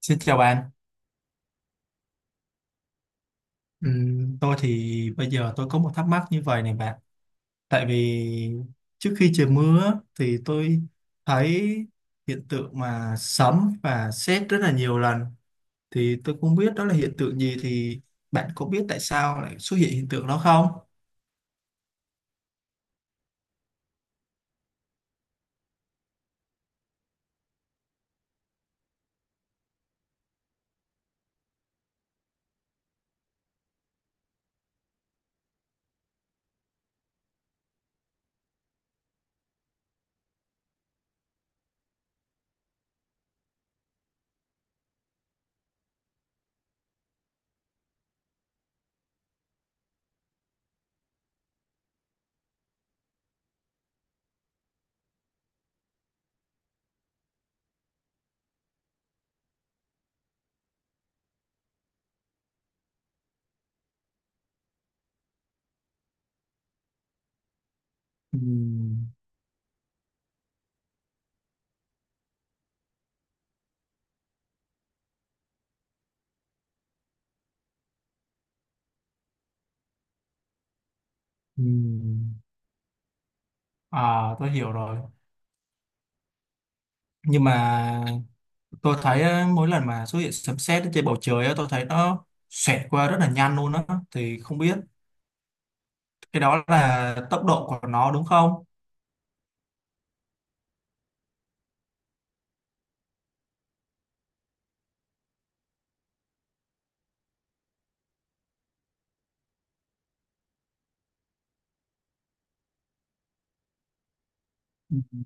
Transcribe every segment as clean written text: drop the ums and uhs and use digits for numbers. Xin chào bạn. Tôi thì bây giờ tôi có một thắc mắc như vậy này bạn. Tại vì trước khi trời mưa á, thì tôi thấy hiện tượng mà sấm và sét rất là nhiều lần. Thì tôi không biết đó là hiện tượng gì, thì bạn có biết tại sao lại xuất hiện hiện tượng đó không? Ừm. Ừm. À, tôi hiểu rồi. Nhưng mà tôi thấy á, mỗi lần mà xuất hiện sấm sét ở trên bầu trời á, tôi thấy nó xẹt qua rất là nhanh luôn á. Thì không biết cái đó là tốc độ của nó đúng không? Ừ.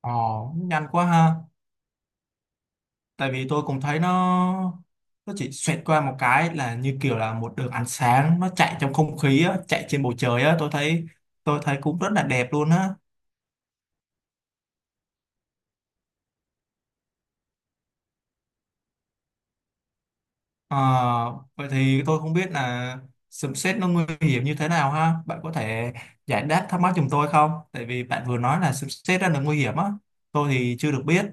Ồ, nhanh quá ha. Tại vì tôi cũng thấy nó chỉ xoẹt qua một cái là như kiểu là một đường ánh sáng nó chạy trong không khí á, chạy trên bầu trời á, tôi thấy cũng rất là đẹp luôn á. Ờ, Vậy thì tôi không biết là sấm sét nó nguy hiểm như thế nào ha. Bạn có thể giải đáp thắc mắc giùm tôi không? Tại vì bạn vừa nói là sấm sét rất là nguy hiểm á. Tôi thì chưa được biết.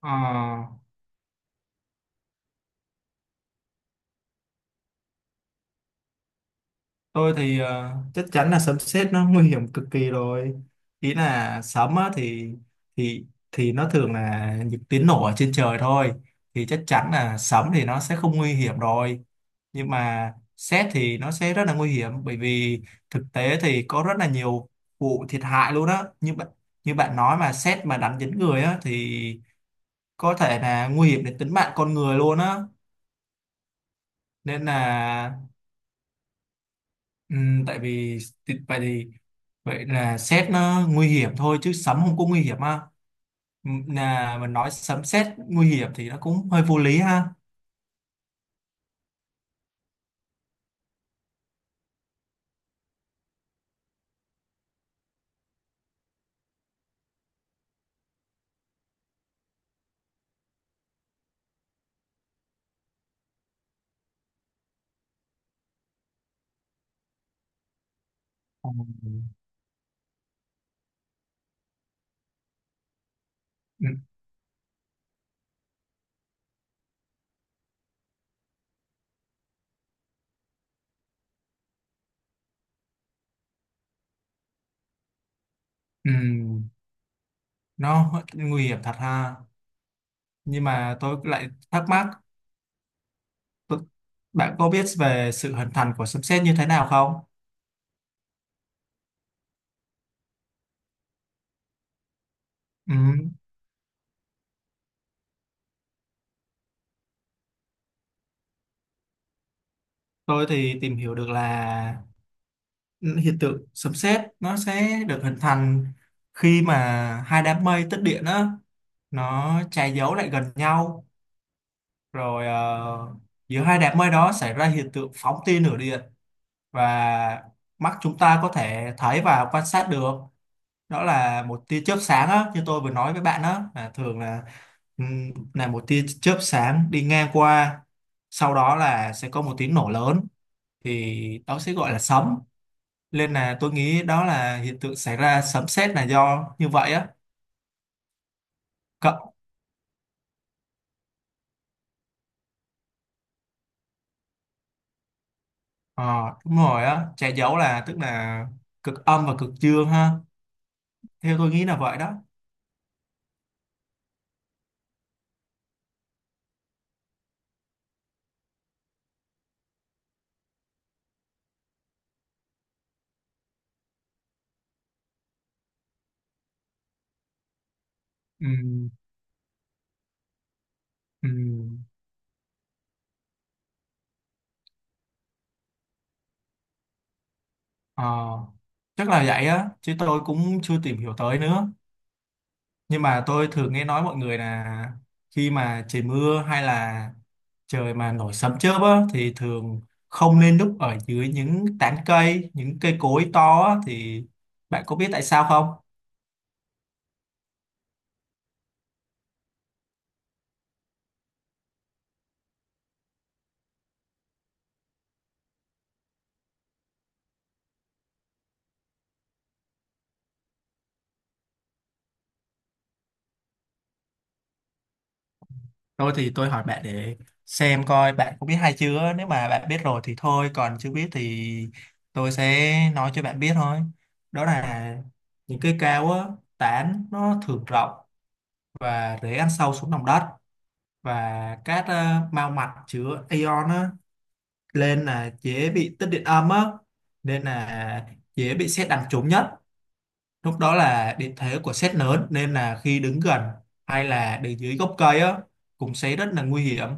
Ờ tôi thì chắc chắn là sấm sét nó nguy hiểm cực kỳ rồi. Ý là sấm á, thì thì nó thường là những tiếng nổ ở trên trời thôi, thì chắc chắn là sấm thì nó sẽ không nguy hiểm rồi, nhưng mà sét thì nó sẽ rất là nguy hiểm, bởi vì thực tế thì có rất là nhiều vụ thiệt hại luôn á, như bạn, nói mà sét mà đánh dính người á thì có thể là nguy hiểm đến tính mạng con người luôn á nên là. Ừ, tại vì thì- vậy thì vậy là sét nó nguy hiểm thôi chứ sấm không có nguy hiểm ha. Ừ, là mình nói sấm sét nguy hiểm thì nó cũng hơi vô lý ha. Ừ, ừ, ừ, nó nguy hiểm thật ha. Nhưng mà tôi lại thắc mắc, tôi- bạn có biết về sự hình thành của sấm sét như thế nào không? Ừ, tôi thì tìm hiểu được là hiện tượng sấm sét nó sẽ được hình thành khi mà hai đám mây tích điện á, nó che giấu lại gần nhau, rồi giữa hai đám mây đó xảy ra hiện tượng phóng tia lửa điện, và mắt chúng ta có thể thấy và quan sát được. Đó là một tia chớp sáng á, như tôi vừa nói với bạn, đó là thường là một tia chớp sáng đi ngang qua, sau đó là sẽ có một tiếng nổ lớn, thì đó sẽ gọi là sấm. Nên là tôi nghĩ đó là hiện tượng xảy ra sấm sét là do như vậy á. Ờ, Đúng rồi á, che giấu là tức là cực âm và cực dương ha. Theo tôi nghĩ là vậy đó. Ừ, ừ, ờ, chắc là vậy á, chứ tôi cũng chưa tìm hiểu tới nữa. Nhưng mà tôi thường nghe nói mọi người là khi mà trời mưa hay là trời mà nổi sấm chớp á, thì thường không nên núp ở dưới những tán cây, những cây cối to á, thì bạn có biết tại sao không? Thôi thì tôi hỏi bạn để xem coi bạn có biết hay chưa. Nếu mà bạn biết rồi thì thôi, còn chưa biết thì tôi sẽ nói cho bạn biết thôi. Đó là những cây cao á, tán nó thường rộng và rễ ăn sâu xuống lòng đất, và các mao mạch chứa ion á, lên là dễ bị tích điện âm á, nên là dễ bị sét đánh trúng nhất. Lúc đó là điện thế của sét lớn, nên là khi đứng gần hay là đứng dưới gốc cây á cũng sẽ rất là nguy hiểm.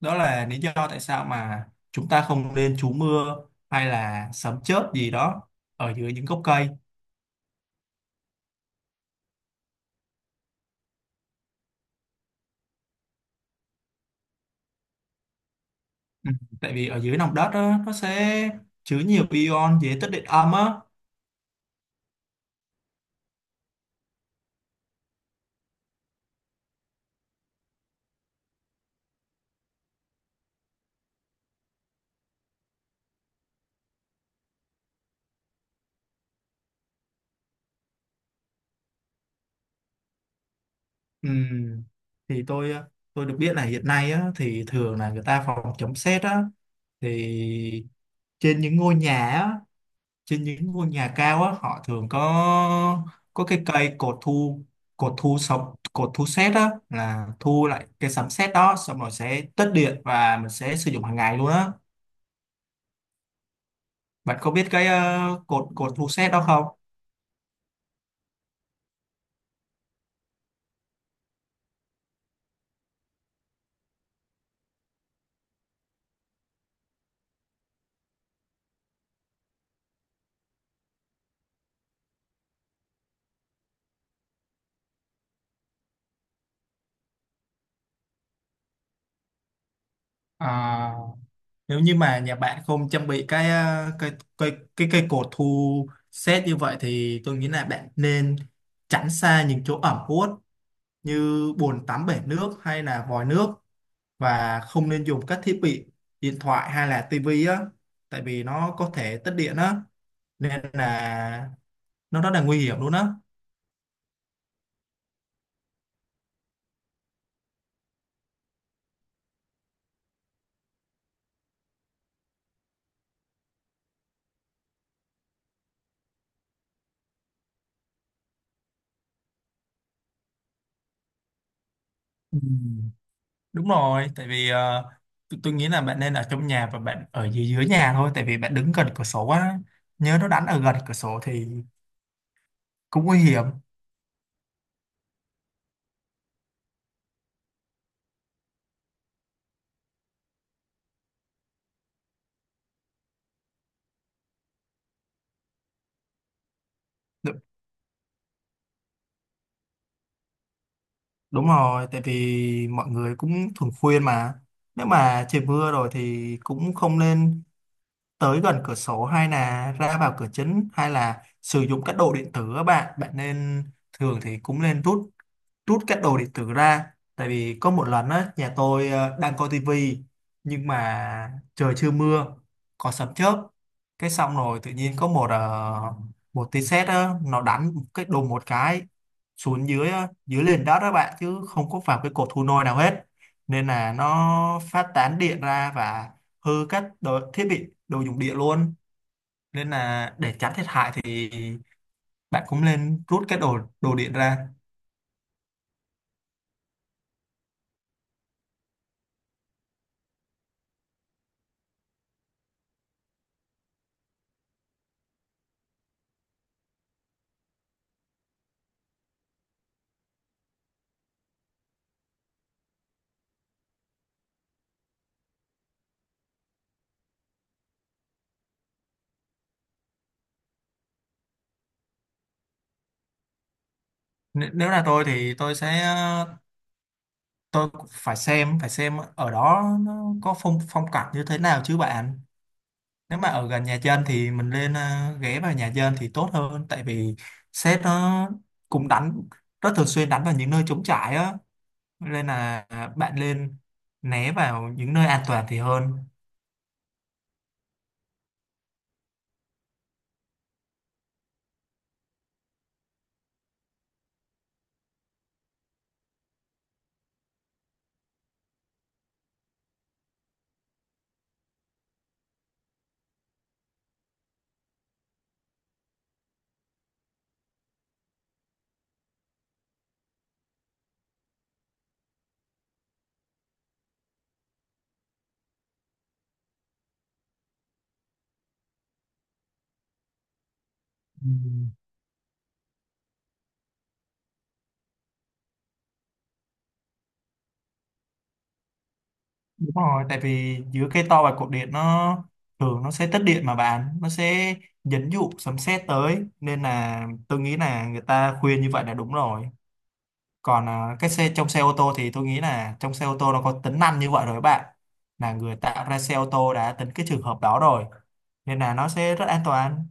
Đó là lý do tại sao mà chúng ta không nên trú mưa hay là sấm chớp gì đó ở dưới những gốc cây. Ừ. Tại vì ở dưới lòng đất á, nó sẽ chứa nhiều ion dễ tích điện âm á. Ừ. Thì tôi được biết là hiện nay á, thì thường là người ta phòng chống sét á, thì trên những ngôi nhà á, trên những ngôi nhà cao á họ thường có cái cây cột thu, cột thu sóng cột thu sét á là thu lại cái sấm sét đó, xong rồi sẽ tất điện và mình sẽ sử dụng hàng ngày luôn á. Bạn có biết cái cột cột thu sét đó không? À, nếu như mà nhà bạn không trang bị cái cây cây cái cây cột thu sét như vậy thì tôi nghĩ là bạn nên tránh xa những chỗ ẩm ướt như bồn tắm, bể nước hay là vòi nước, và không nên dùng các thiết bị điện thoại hay là tivi á, tại vì nó có thể tắt điện á nên là nó rất là nguy hiểm luôn á. Ừ, đúng rồi, tại vì tôi nghĩ là bạn nên ở trong nhà và bạn ở dưới dưới nhà thôi, tại vì bạn đứng gần cửa sổ á, nhớ nó đánh ở gần cửa sổ thì cũng nguy hiểm. Đúng, đúng rồi, tại vì mọi người cũng thường khuyên mà nếu mà trời mưa rồi thì cũng không nên tới gần cửa sổ hay là ra vào cửa chính hay là sử dụng các đồ điện tử á, bạn bạn nên, thường thì cũng nên rút rút các đồ điện tử ra. Tại vì có một lần á, nhà tôi đang coi tivi, nhưng mà trời chưa mưa, có sấm chớp, cái xong rồi tự nhiên có một tia sét á, nó đánh cái đùng một cái xuống dưới á, dưới nền đất đó bạn, chứ không có vào cái cột thu nôi nào hết, nên là nó phát tán điện ra và hư các đồ, thiết bị đồ dùng điện luôn. Nên là để tránh thiệt hại thì bạn cũng nên rút cái đồ đồ điện ra. Nếu là tôi thì tôi cũng phải xem ở đó nó có phong phong cảnh như thế nào chứ bạn. Nếu mà ở gần nhà dân thì mình lên ghé vào nhà dân thì tốt hơn, tại vì sét nó cũng đánh, rất thường xuyên đánh vào những nơi trống trải á, nên là bạn lên né vào những nơi an toàn thì hơn. Ừ. Đúng rồi, tại vì giữa cây to và cột điện nó sẽ tích điện mà bạn, nó sẽ dẫn dụ sấm sét tới, nên là tôi nghĩ là người ta khuyên như vậy là đúng rồi. Còn à, cái xe trong xe ô tô thì tôi nghĩ là trong xe ô tô nó có tính năng như vậy rồi các bạn. Là người tạo ra xe ô tô đã tính cái trường hợp đó rồi, nên là nó sẽ rất an toàn.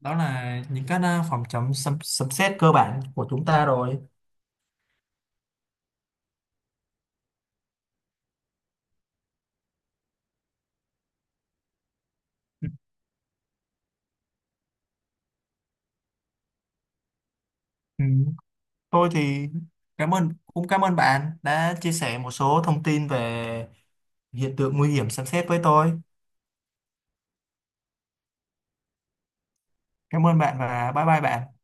Đó là những cái phòng chống sấm sấm sét cơ bản của chúng ta rồi. Ừ. Thôi thì cảm ơn cũng cảm ơn bạn đã chia sẻ một số thông tin về hiện tượng nguy hiểm sấm sét với tôi. Cảm ơn bạn và bye bye bạn.